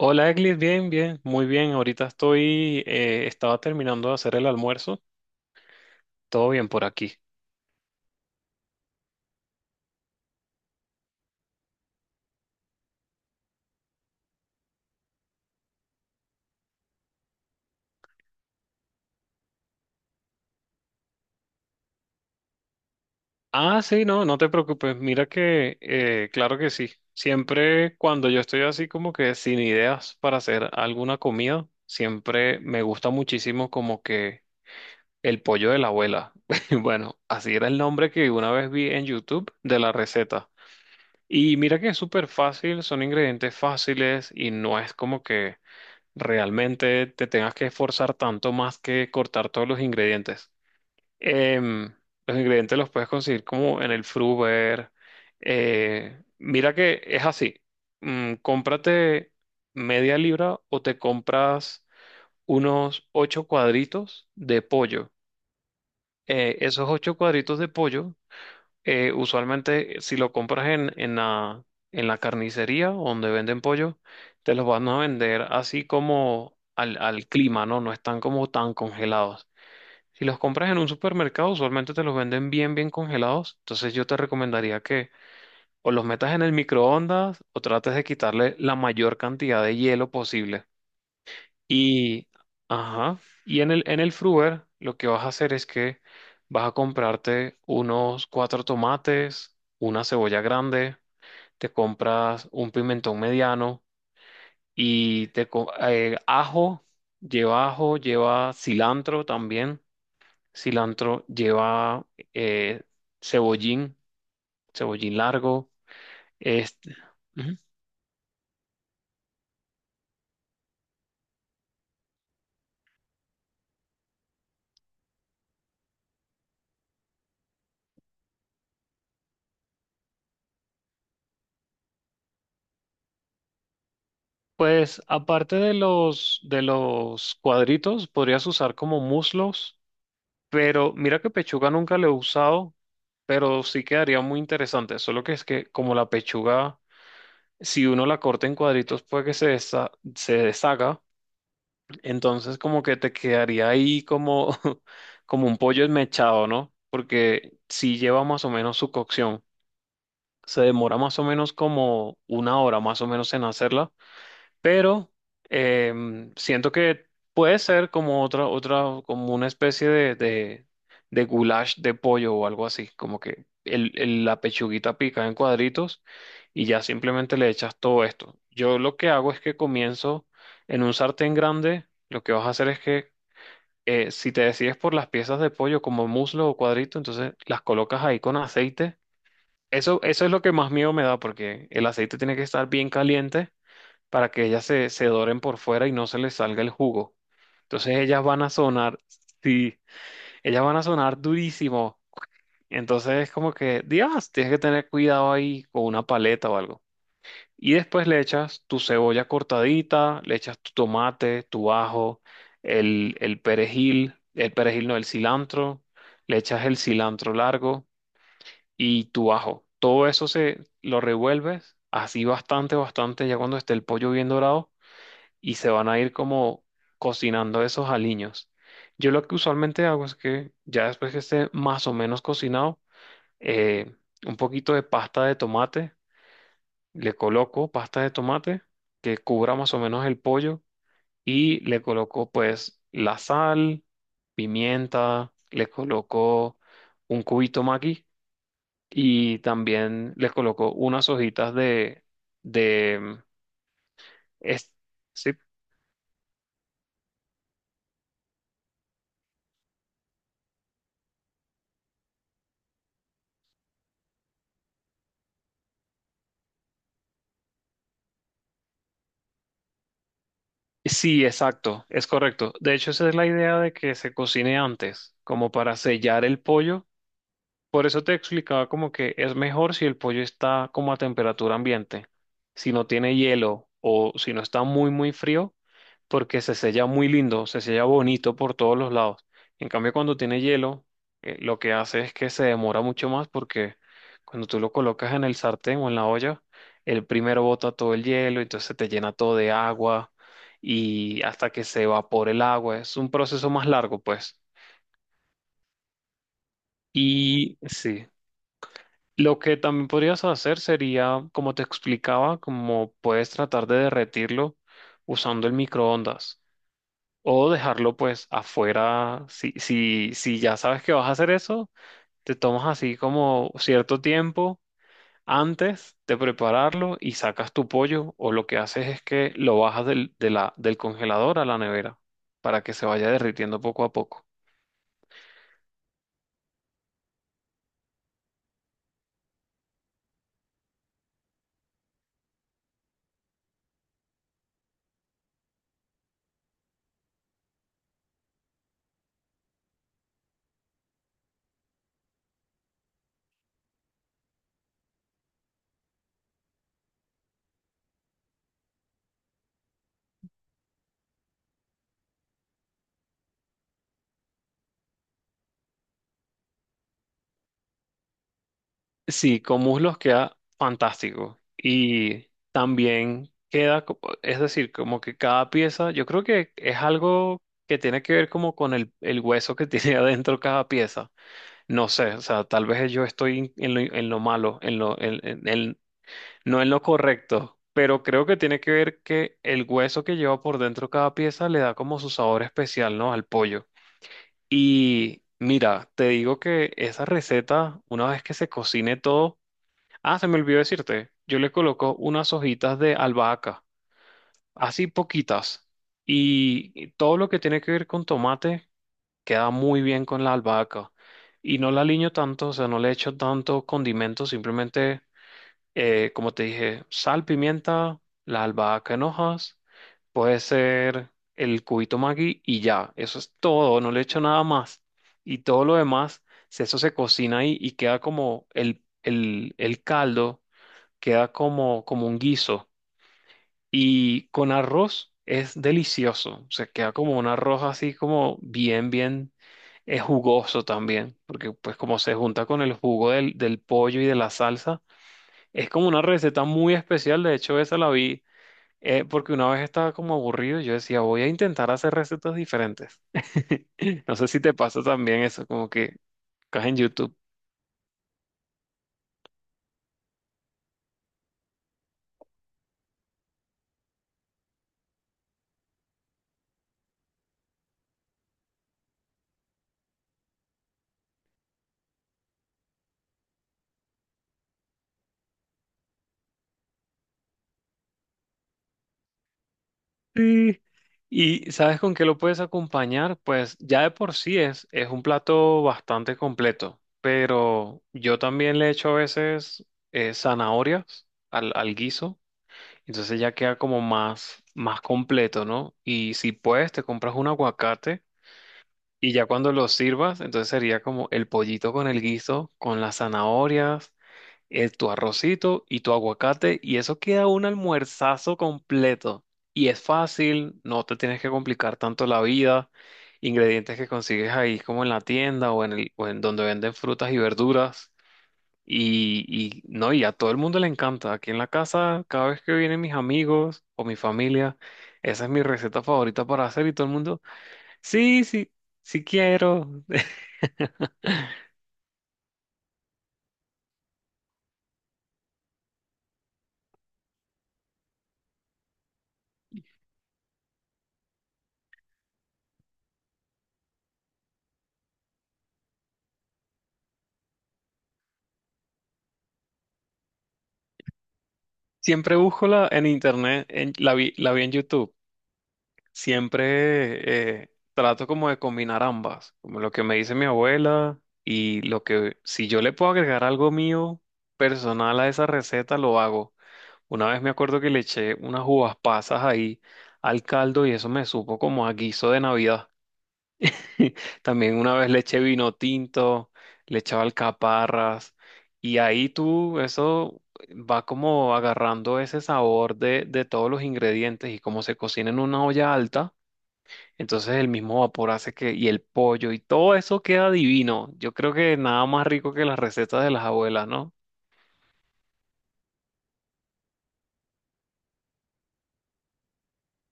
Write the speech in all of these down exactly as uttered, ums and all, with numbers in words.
Hola, Eglis, bien, bien, muy bien. Ahorita estoy, eh, estaba terminando de hacer el almuerzo. Todo bien por aquí. Ah, sí, no, no te preocupes. Mira que, eh, claro que sí. Siempre cuando yo estoy así como que sin ideas para hacer alguna comida, siempre me gusta muchísimo como que el pollo de la abuela. Bueno, así era el nombre que una vez vi en YouTube de la receta. Y mira que es súper fácil, son ingredientes fáciles y no es como que realmente te tengas que esforzar tanto más que cortar todos los ingredientes. Em, los ingredientes los puedes conseguir como en el Fruver. Eh, mira que es así. Mm, cómprate media libra o te compras unos ocho cuadritos de pollo. Eh, esos ocho cuadritos de pollo eh, usualmente, si lo compras en, en la, en la carnicería donde venden pollo, te los van a vender así como al, al clima, ¿no? No están como tan congelados. Si los compras en un supermercado, usualmente te los venden bien, bien congelados. Entonces yo te recomendaría que o los metas en el microondas o trates de quitarle la mayor cantidad de hielo posible. Y, ajá, y en el, en el Fruver lo que vas a hacer es que vas a comprarte unos cuatro tomates, una cebolla grande, te compras un pimentón mediano y te co- eh, ajo, lleva ajo, lleva cilantro también, cilantro lleva eh, cebollín, cebollín largo, este, ujú. Pues aparte de los de los cuadritos, podrías usar como muslos. Pero mira que pechuga nunca lo he usado, pero sí quedaría muy interesante. Solo que es que como la pechuga, si uno la corta en cuadritos, puede que se desa se deshaga. Entonces como que te quedaría ahí como, como un pollo esmechado, ¿no? Porque sí lleva más o menos su cocción. Se demora más o menos como una hora más o menos en hacerla, pero em, siento que puede ser como otra, otra, como una especie de, de, de goulash de pollo o algo así, como que el, el- la pechuguita pica en cuadritos y ya simplemente le echas todo esto. Yo lo que hago es que comienzo en un sartén grande, lo que vas a hacer es que eh, si te decides por las piezas de pollo como muslo o cuadrito, entonces las colocas ahí con aceite. Eso, eso es lo que más miedo me da porque el aceite tiene que estar bien caliente para que ellas se, se doren por fuera y no se les salga el jugo. Entonces ellas van a sonar, sí, ellas van a sonar durísimo. Entonces es como que, Dios, tienes que tener cuidado ahí con una paleta o algo. Y después le echas tu cebolla cortadita, le echas tu tomate, tu ajo, el, el perejil, el perejil no, el cilantro, le echas el cilantro largo y tu ajo. Todo eso se lo revuelves así bastante, bastante, ya cuando esté el pollo bien dorado y se van a ir como cocinando esos aliños. Yo lo que usualmente hago es que ya después que esté más o menos cocinado, eh, un poquito de pasta de tomate, le coloco pasta de tomate que cubra más o menos el pollo y le coloco pues la sal, pimienta, le coloco un cubito maqui y también le coloco unas hojitas de, de, es- sí. Sí, exacto, es correcto. De hecho, esa es la idea de que se cocine antes, como para sellar el pollo. Por eso te explicaba como que es mejor si el pollo está como a temperatura ambiente, si no tiene hielo o si no está muy, muy frío, porque se sella muy lindo, se sella bonito por todos los lados. En cambio, cuando tiene hielo, eh, lo que hace es que se demora mucho más porque cuando tú lo colocas en el sartén o en la olla, el primero bota todo el hielo, entonces te llena todo de agua y hasta que se evapore el agua, es un proceso más largo, pues. Y sí. Lo que también podrías hacer sería, como te explicaba, como puedes tratar de derretirlo usando el microondas o dejarlo pues afuera. Si, si, si ya sabes que vas a hacer eso, te tomas así como cierto tiempo antes de prepararlo y sacas tu pollo o lo que haces es que lo bajas del, de la, del congelador a la nevera para que se vaya derritiendo poco a poco. Sí, con muslos queda fantástico. Y también queda, co- es decir, como que cada pieza, yo creo que es algo que tiene que ver como con el, el hueso que tiene adentro cada pieza. No sé, o sea, tal vez yo estoy en lo, en lo malo, en lo, en, en- en- no en lo correcto, pero creo que tiene que ver que el hueso que lleva por dentro cada pieza le da como su sabor especial, ¿no? Al pollo. Y mira, te digo que esa receta, una vez que se cocine todo. Ah, se me olvidó decirte, yo le coloco unas hojitas de albahaca, así poquitas, y y todo lo que tiene que ver con tomate queda muy bien con la albahaca. Y no la aliño tanto, o sea, no le echo tanto condimento, simplemente, eh, como te dije, sal, pimienta, la albahaca en hojas, puede ser el cubito Maggi y ya, eso es todo, no le echo nada más. Y todo lo demás, si eso se cocina ahí y queda como el, el el caldo, queda como, como un guiso. Y con arroz es delicioso. O sea, queda como un arroz así como bien, bien eh, jugoso también. Porque pues como se junta con el jugo del, del pollo y de la salsa, es como una receta muy especial. De hecho, esa la vi eh, porque una vez estaba como aburrido y yo decía, voy a intentar hacer recetas diferentes. No sé si te pasa también eso, como que estás en YouTube. Sí. ¿Y sabes con qué lo puedes acompañar? Pues ya de por sí es, es un plato bastante completo, pero yo también le echo a veces eh, zanahorias al, al guiso, entonces ya queda como más, más completo, ¿no? Y si puedes, te compras un aguacate y ya cuando lo sirvas, entonces sería como el pollito con el guiso, con las zanahorias, eh, tu arrocito y tu aguacate y eso queda un almuerzazo completo. Y es fácil, no te tienes que complicar tanto la vida. Ingredientes que consigues ahí como en la tienda o en el, o en donde venden frutas y verduras. Y, y no, y a todo el mundo le encanta. Aquí en la casa, cada vez que vienen mis amigos o mi familia, esa es mi receta favorita para hacer y todo el mundo, sí, sí, sí quiero. Siempre busco la en internet, en- la vi, la vi en YouTube. Siempre eh, trato como de combinar ambas, como lo que me dice mi abuela y lo que si yo le puedo agregar algo mío personal a esa receta, lo hago. Una vez me acuerdo que le eché unas uvas pasas ahí al caldo y eso me supo como a guiso de Navidad. También una vez le eché vino tinto, le echaba alcaparras y ahí tú, eso va como agarrando ese sabor de, de todos los ingredientes y como se cocina en una olla alta, entonces el mismo vapor hace que, y el pollo y todo eso queda divino. Yo creo que nada más rico que las recetas de las abuelas, ¿no?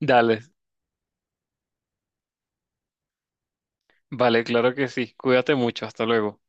Dale, vale, claro que sí. Cuídate mucho, hasta luego.